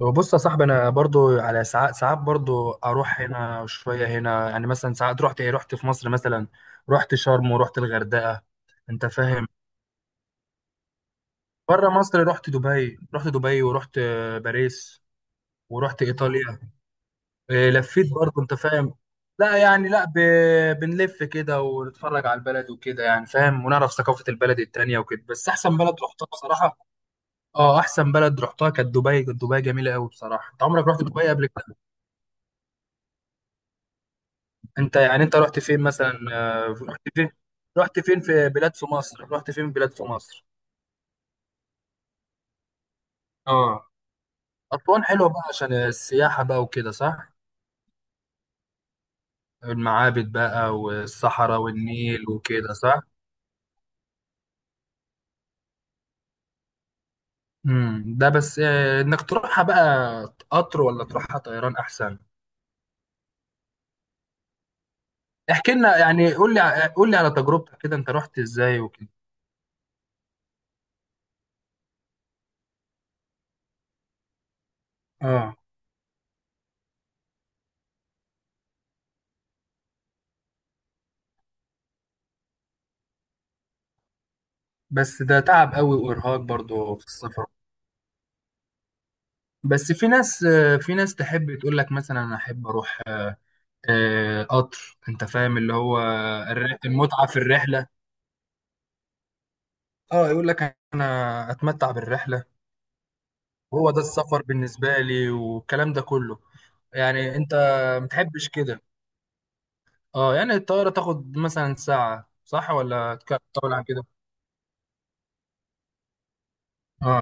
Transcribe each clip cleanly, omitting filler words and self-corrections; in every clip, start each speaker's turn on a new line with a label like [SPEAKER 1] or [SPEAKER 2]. [SPEAKER 1] بص يا صاحبي، انا برضو على ساعات ساعات، برضو اروح هنا شويه هنا. يعني مثلا ساعات رحت في مصر، مثلا رحت شرم ورحت الغردقه. انت فاهم؟ بره مصر رحت دبي، ورحت باريس، ورحت ايطاليا. لفيت برضو. انت فاهم؟ لا يعني لا بنلف كده ونتفرج على البلد وكده، يعني فاهم، ونعرف ثقافه البلد التانيه وكده. بس احسن بلد رحتها بصراحه، اه احسن بلد رحتها كانت دبي جميله قوي بصراحه. انت عمرك رحت دبي قبل كده؟ انت رحت فين مثلا؟ رحت فين بلاد في مصر؟ اه. أسوان حلوة بقى، عشان السياحة بقى وكده، صح؟ المعابد بقى والصحراء والنيل وكده، صح؟ ده بس انك تروحها بقى. قطر ولا تروحها طيران احسن؟ احكي لنا، يعني قول لي على تجربتك كده، انت رحت ازاي وكده؟ اه، بس ده تعب قوي وارهاق برضو في السفر. بس في ناس تحب تقول لك، مثلا، انا احب اروح قطر. انت فاهم اللي هو المتعة في الرحلة. اه، يقول لك انا اتمتع بالرحلة. وهو ده السفر بالنسبة لي، والكلام ده كله. يعني انت متحبش كده؟ اه، يعني الطيارة تاخد مثلا ساعة، صح؟ ولا تطول عن كده؟ اه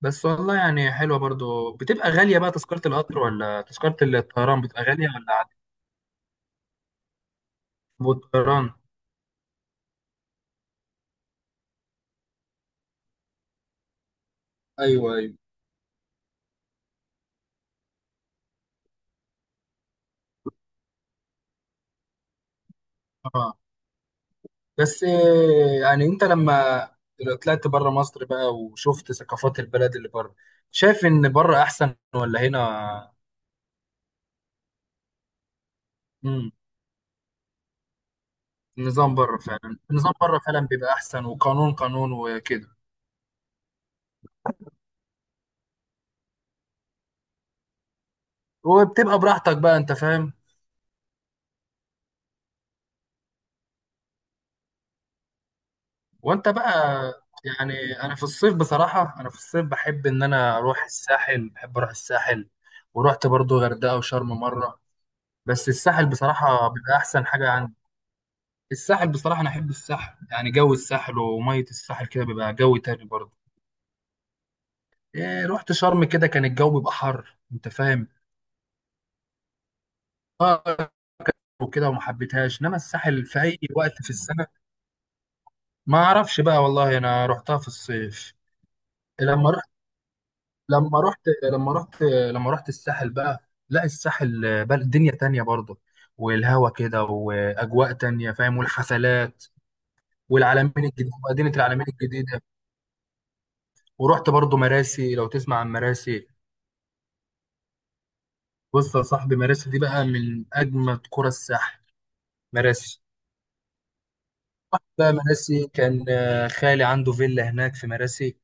[SPEAKER 1] بس والله، يعني حلوة برضو. بتبقى غالية بقى تذكرة القطر ولا تذكرة الطيران بتبقى غالية ولا عادي؟ والطيران؟ ايوه ايوه. اه بس يعني انت لما طلعت بره مصر بقى وشفت ثقافات البلد اللي بره، شايف ان بره احسن ولا هنا؟ امم النظام بره فعلا، النظام بره فعلا بيبقى احسن، وقانون قانون وكده. وبتبقى براحتك بقى. انت فاهم؟ وانت بقى؟ يعني انا في الصيف بصراحة، انا في الصيف بحب ان انا اروح الساحل، بحب اروح الساحل. ورحت برضو غردقة وشرم مرة، بس الساحل بصراحة بيبقى احسن حاجة عندي. الساحل بصراحة أنا أحب الساحل. يعني جو الساحل ومية الساحل كده بيبقى جو تاني برضه. إيه، رحت شرم كده كان الجو بيبقى حر. أنت فاهم؟ آه. وكده وما حبيتهاش، إنما الساحل في أي وقت في السنة. ما أعرفش بقى والله، أنا رحتها في الصيف. لما رحت لما رحت لما رحت الساحل بقى. لا، الساحل بقى دنيا تانية برضه. والهوا كده وأجواء تانية فاهم، والحفلات. والعلمين الجديدة مدينة العلمين الجديدة. ورحت برضه مراسي، لو تسمع عن مراسي. بص يا صاحبي، مراسي دي بقى من أجمد قرى الساحل. مراسي بقى، مراسي كان خالي عنده فيلا هناك في مراسي.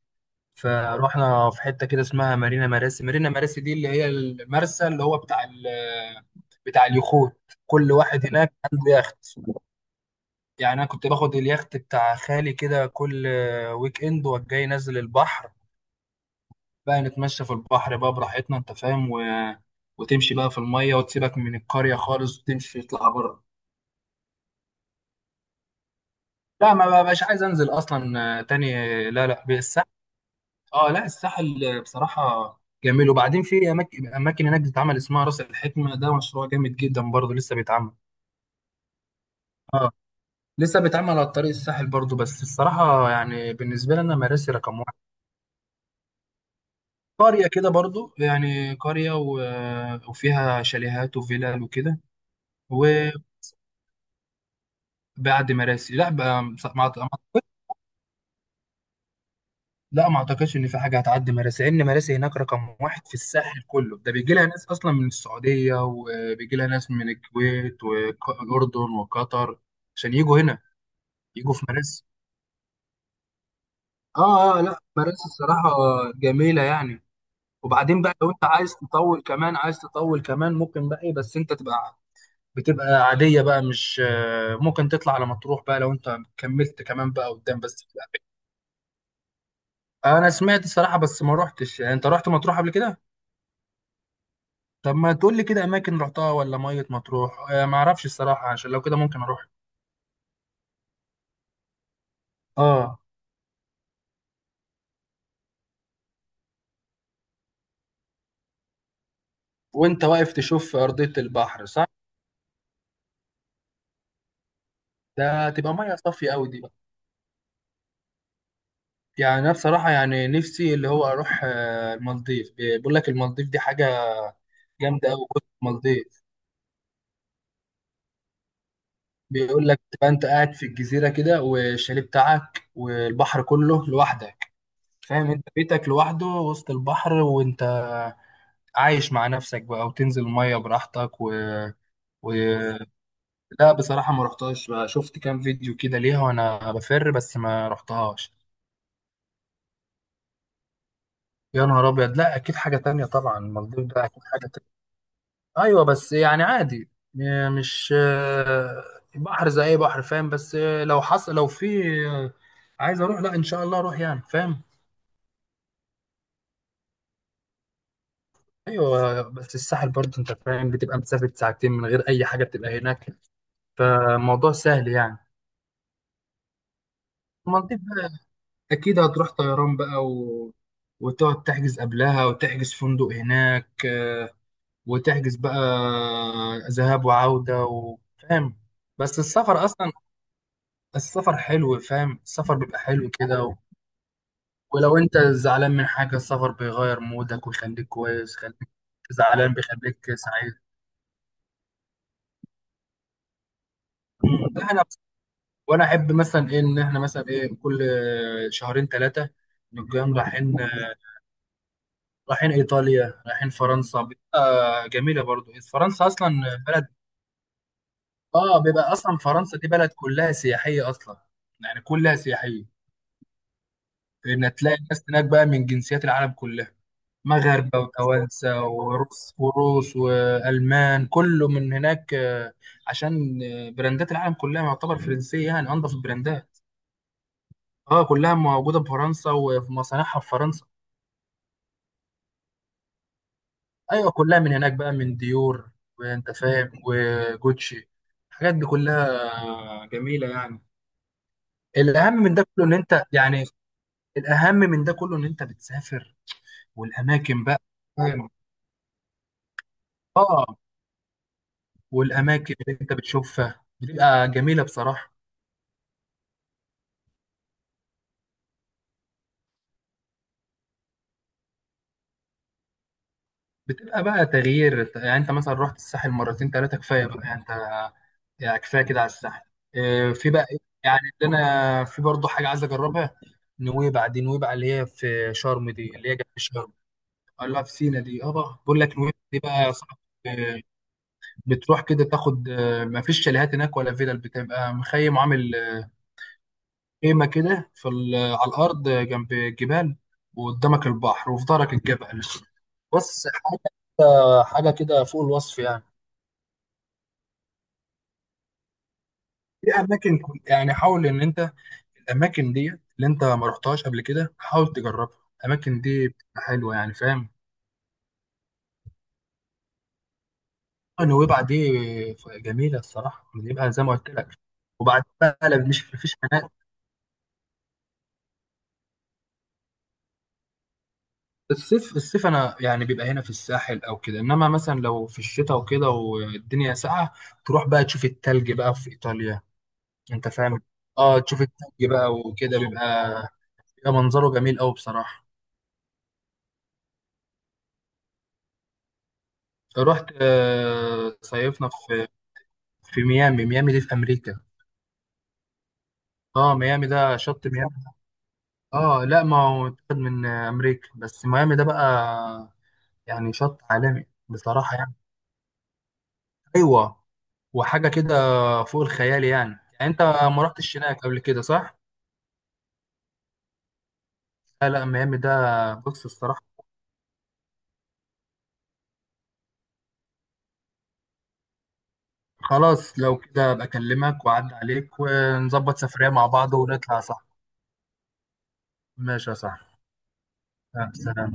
[SPEAKER 1] فروحنا في حتة كده اسمها مارينا مراسي. مارينا مراسي دي اللي هي المرسى، اللي هو بتاع ال آه، بتاع اليخوت. كل واحد هناك عنده يخت. يعني أنا كنت باخد اليخت بتاع خالي كده كل ويك إند، وجاي نازل البحر. بقى نتمشى في البحر بقى براحتنا. أنت فاهم؟ وتمشي بقى في المية، وتسيبك من القرية خالص، وتمشي تطلع بره. لا، ما بقاش عايز انزل اصلا تاني. لا لا، الساحل. اه لا، الساحل بصراحه جميل. وبعدين في اماكن هناك بتتعمل اسمها راس الحكمه. ده مشروع جامد جدا برضه لسه بيتعمل. اه، لسه بيتعمل على طريق الساحل برضه. بس الصراحه يعني بالنسبه لي انا، مراسي رقم واحد. قريه كده برضه، يعني قريه وفيها شاليهات وفيلل وكده. وبعد. مراسي لا بقى. لا، ما اعتقدش ان في حاجه هتعدي مراسي، لان مراسي هناك رقم واحد في الساحل كله. ده بيجي لها ناس اصلا من السعوديه، وبيجي لها ناس من الكويت والاردن وقطر، عشان يجوا هنا، يجوا في مراسي. اه اه، لا مراسي الصراحه جميله يعني. وبعدين بقى، لو انت عايز تطول كمان، عايز تطول كمان، ممكن بقى بس انت تبقى بتبقى عاديه بقى، مش ممكن تطلع على مطروح بقى لو انت كملت كمان بقى قدام بس. انا سمعت الصراحه بس ما روحتش. يعني انت رحت مطروح قبل كده؟ طب، ما تقول لي كده اماكن رحتها، ولا ميه مطروح؟ آه، ما اعرفش الصراحه، عشان لو كده ممكن اروح. اه. وانت واقف تشوف ارضيه البحر، صح؟ ده تبقى ميه صافيه قوي دي بقى. يعني انا بصراحه، يعني نفسي اللي هو اروح المالديف. بيقول لك المالديف دي حاجه جامده قوي، كنت المالديف. بيقول لك تبقى انت قاعد في الجزيره كده، والشاليه بتاعك والبحر كله لوحدك. فاهم؟ انت بيتك لوحده وسط البحر، وانت عايش مع نفسك بقى، وتنزل الميه براحتك و... لا، بصراحة ما رحتهاش بقى. شفت كام فيديو كده ليها وانا بفر، بس ما رحتهاش. يا نهار ابيض، لا اكيد حاجة تانية طبعا. المالديف ده اكيد حاجة تانية. ايوه بس يعني عادي. مش بحر زي اي بحر، فاهم. بس لو حصل، لو في آه، عايز اروح. لا، ان شاء الله اروح يعني، فاهم. ايوه بس الساحل برضه، انت فاهم، بتبقى مسافة ساعتين من غير اي حاجة بتبقى هناك، فالموضوع سهل يعني. المالديف، اكيد هتروح طيران بقى وتقعد تحجز قبلها، وتحجز فندق هناك وتحجز بقى ذهاب وعودة فاهم. بس السفر اصلا، السفر حلو فاهم، السفر بيبقى حلو كده ولو انت زعلان من حاجة، السفر بيغير مودك ويخليك كويس، يخليك زعلان بيخليك سعيد. ده انا. وانا احب مثلا ايه، ان احنا مثلا ايه كل شهرين ثلاثة نقوم رايحين ايطاليا، رايحين فرنسا بيبقى جميله برضو. فرنسا اصلا بلد. اه بيبقى اصلا فرنسا دي بلد كلها سياحيه اصلا. يعني كلها سياحيه. ان تلاقي ناس هناك بقى من جنسيات العالم كلها، مغاربه وتوانسه وروس وروس والمان، كله من هناك. عشان براندات العالم كلها يعتبر فرنسيه، يعني انضف البراندات. اه، كلها موجوده في فرنسا وفي مصانعها في فرنسا. ايوه كلها من هناك بقى، من ديور وانت فاهم وجوتشي، الحاجات دي كلها جميله يعني. الاهم من ده كله ان انت يعني الاهم من ده كله ان انت بتسافر، والاماكن بقى فاهم. اه، والاماكن اللي انت بتشوفها بتبقى جميله بصراحه. بتبقى بقى تغيير. يعني انت مثلا رحت الساحل مرتين ثلاثه كفايه بقى، يعني انت، يعني كفايه كده على الساحل. اه، في بقى ايه؟ يعني اللي انا في برضه حاجه عايز اجربها، نويبع دي. نويبع اللي هي في شرم، دي اللي هي جنب شرم. قال لها في سينا دي. اه بقى، بقول لك نويبع دي بقى يا صاحبي. اه، بتروح كده تاخد. اه، ما فيش شاليهات هناك ولا فيلل، بتبقى مخيم عامل خيمه كده في على الارض جنب الجبال. وقدامك البحر وفي ظهرك الجبل. بص حاجه حاجه كده فوق الوصف يعني. في اماكن يعني حاول ان انت الاماكن دي، اللي انت ما رحتهاش قبل كده حاول تجربها، الاماكن دي بتبقى حلوه يعني، فاهم. نويبع دي جميله الصراحه، بيبقى زي ما قلت لك. وبعد بقى لا، مش مفيش هناك. الصيف الصيف انا يعني بيبقى هنا في الساحل او كده. انما مثلا لو في الشتاء وكده والدنيا ساقعه، تروح بقى تشوف التلج بقى في ايطاليا. انت فاهم؟ اه، تشوف التلج بقى وكده، بيبقى منظره جميل قوي بصراحه. رحت صيفنا في ميامي. ميامي دي في امريكا. اه، ميامي ده شط ميامي. اه لا، ما هو اتخذ من امريكا، بس ميامي ده بقى يعني شط عالمي بصراحة يعني. ايوه. وحاجة كده فوق الخيال يعني. يعني انت ما رحتش هناك قبل كده، صح؟ لا لا ميامي ده. بص الصراحة، خلاص لو كده ابقى اكلمك واعدي عليك ونظبط سفرية مع بعض ونطلع، صح؟ ماشي يا صاحبي. سلام.